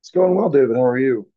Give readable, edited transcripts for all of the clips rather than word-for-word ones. It's going well, David. How are you?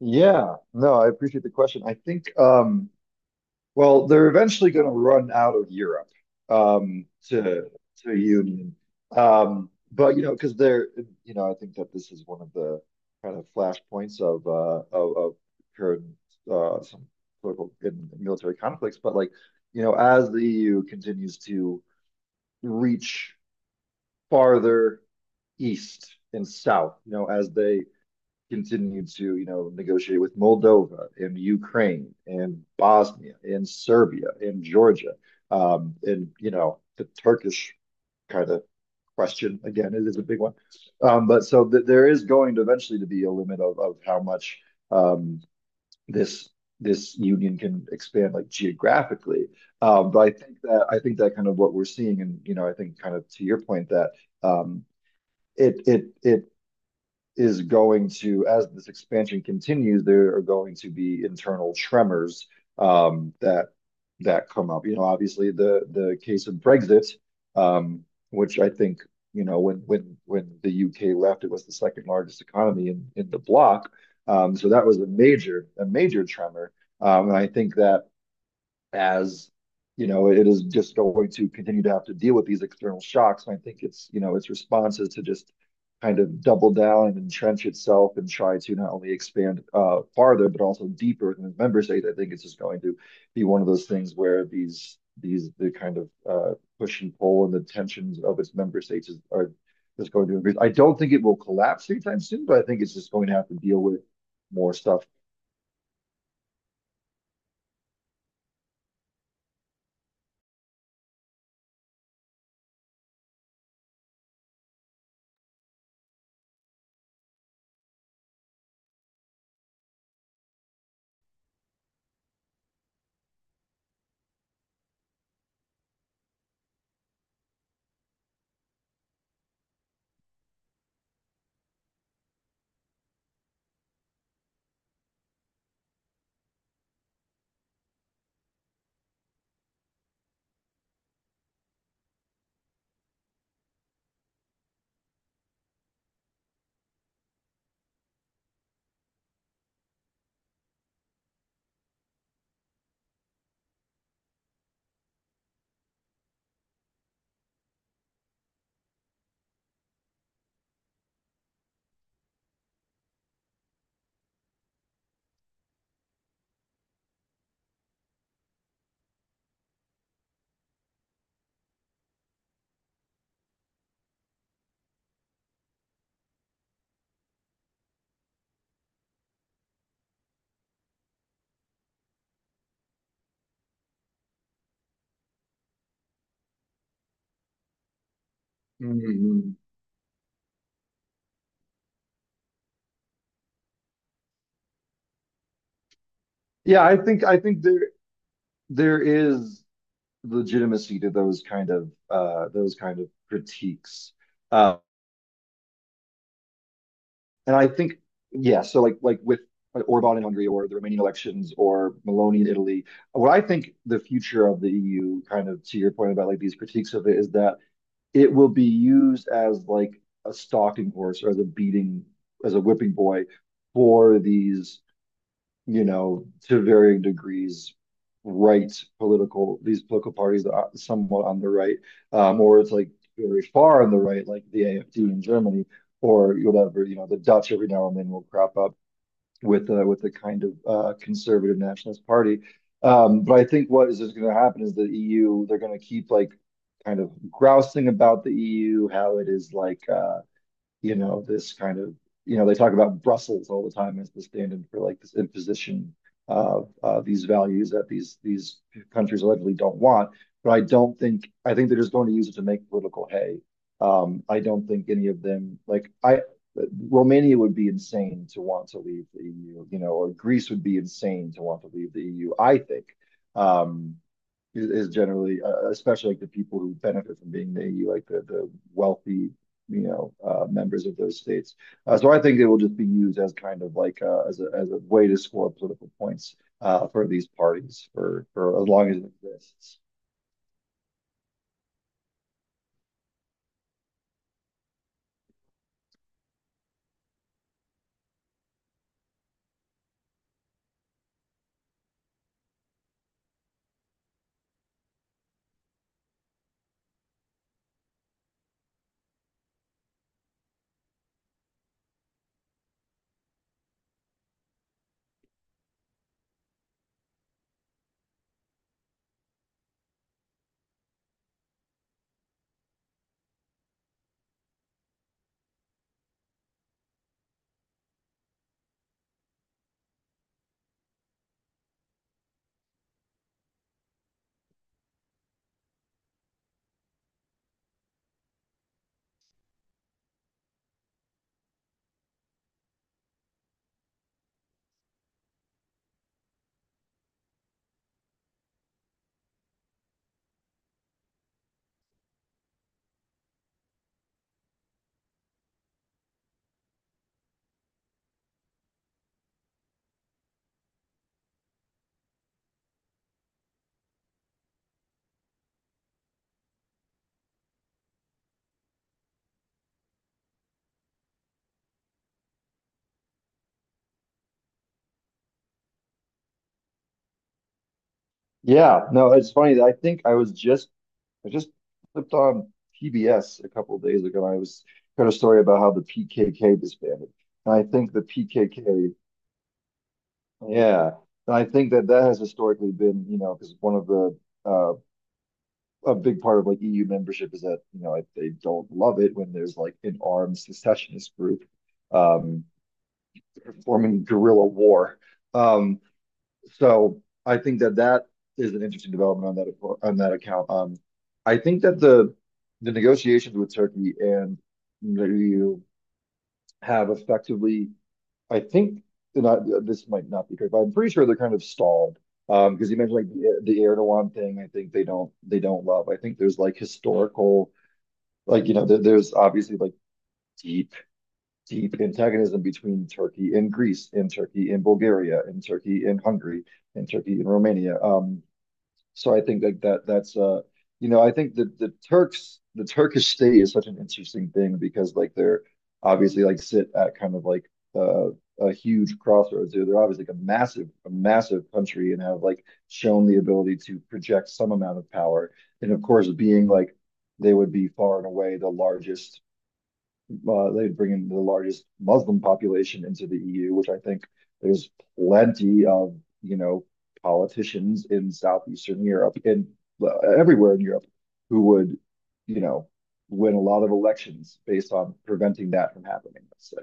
Yeah, no, I appreciate the question. I think, well, they're eventually going to run out of Europe um, to to Union, but you know, you know, I think that this is one of the kind of flashpoints of of current some political and military conflicts. But like, you know, as the EU continues to reach farther east and south, you know, as they continued to, you know, negotiate with Moldova and Ukraine and Bosnia and Serbia and Georgia. You know, the Turkish kind of question again, it is a big one. But so th there is going to eventually to be a limit of how much um, this this union can expand like geographically. But I think that kind of what we're seeing, and you know, I think kind of to your point that um, it is going to, as this expansion continues, there are going to be internal tremors um, that that come up. You know, obviously the case of Brexit, um, which I think you know when the UK left, it was the second largest economy in the bloc. So that was a major tremor, and I think that as you know, it is just going to continue to have to deal with these external shocks. And I think it's, you know, its response is to just kind of double down and entrench itself and try to not only expand farther, but also deeper than its member states. I think it's just going to be one of those things where the kind of push and pull and the tensions of its member states are just going to increase. I don't think it will collapse anytime soon, but I think it's just going to have to deal with more stuff. Mhm. Yeah, I think there is legitimacy to those kind of critiques. Uh, and I think, yeah, so like with Orban in Hungary or the Romanian elections or Maloney in Italy, what I think the future of the EU, kind of to your point about like these critiques of it, is that it will be used as like a stalking horse or as a beating, as a whipping boy for these you know, to varying degrees, right political these political parties that are somewhat on the right, or it's like very far on the right, like the AfD in Germany, or whatever. You know, the Dutch every now and then will crop up with with a kind of conservative nationalist party. But I think what is going to happen is the EU, they're going to keep like kind of grousing about the EU, how it is like you know, this kind of, you know, they talk about Brussels all the time as the stand-in for like this imposition of these values that these countries allegedly don't want. But I don't think I think they're just going to use it to make political hay. I don't think any of them like I Romania would be insane to want to leave the EU, you know, or Greece would be insane to want to leave the EU, I think. Um, is generally, especially like the people who benefit from being in the EU, like the wealthy, you know, members of those states. So I think it will just be used as kind of like as a way to score political points for these parties for as long as it exists. Yeah, no, it's funny that I think I just flipped on PBS a couple of days ago. And I was heard a story about how the PKK disbanded, and I think the PKK. Yeah. And I think that that has historically been, you know, because one of the uh a big part of like EU membership is that, you know, I, they don't love it when there's like an armed secessionist group um performing guerrilla war. Um so I think that that is an interesting development on that account. I think that the negotiations with Turkey and the EU have effectively I think and I, this might not be correct, but I'm pretty sure they're kind of stalled. Because you mentioned like the Erdogan thing, I think they don't love. I think there's like historical, like you know, there's obviously like deep deep antagonism between Turkey and Greece, and Turkey and Bulgaria, and Turkey and Hungary, and Turkey and Romania. So I think like that that's you know I think the Turkish state is such an interesting thing because like they're obviously like sit at kind of like uh, a huge crossroads there. They're obviously like a massive country and have like shown the ability to project some amount of power. And of course, being like they would be far and away the largest they'd bring in the largest Muslim population into the EU, which I think there's plenty of, you know, politicians in Southeastern Europe and everywhere in Europe who would, you know, win a lot of elections based on preventing that from happening, let's say.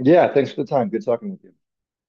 Yeah, thanks for the time. Good talking with you.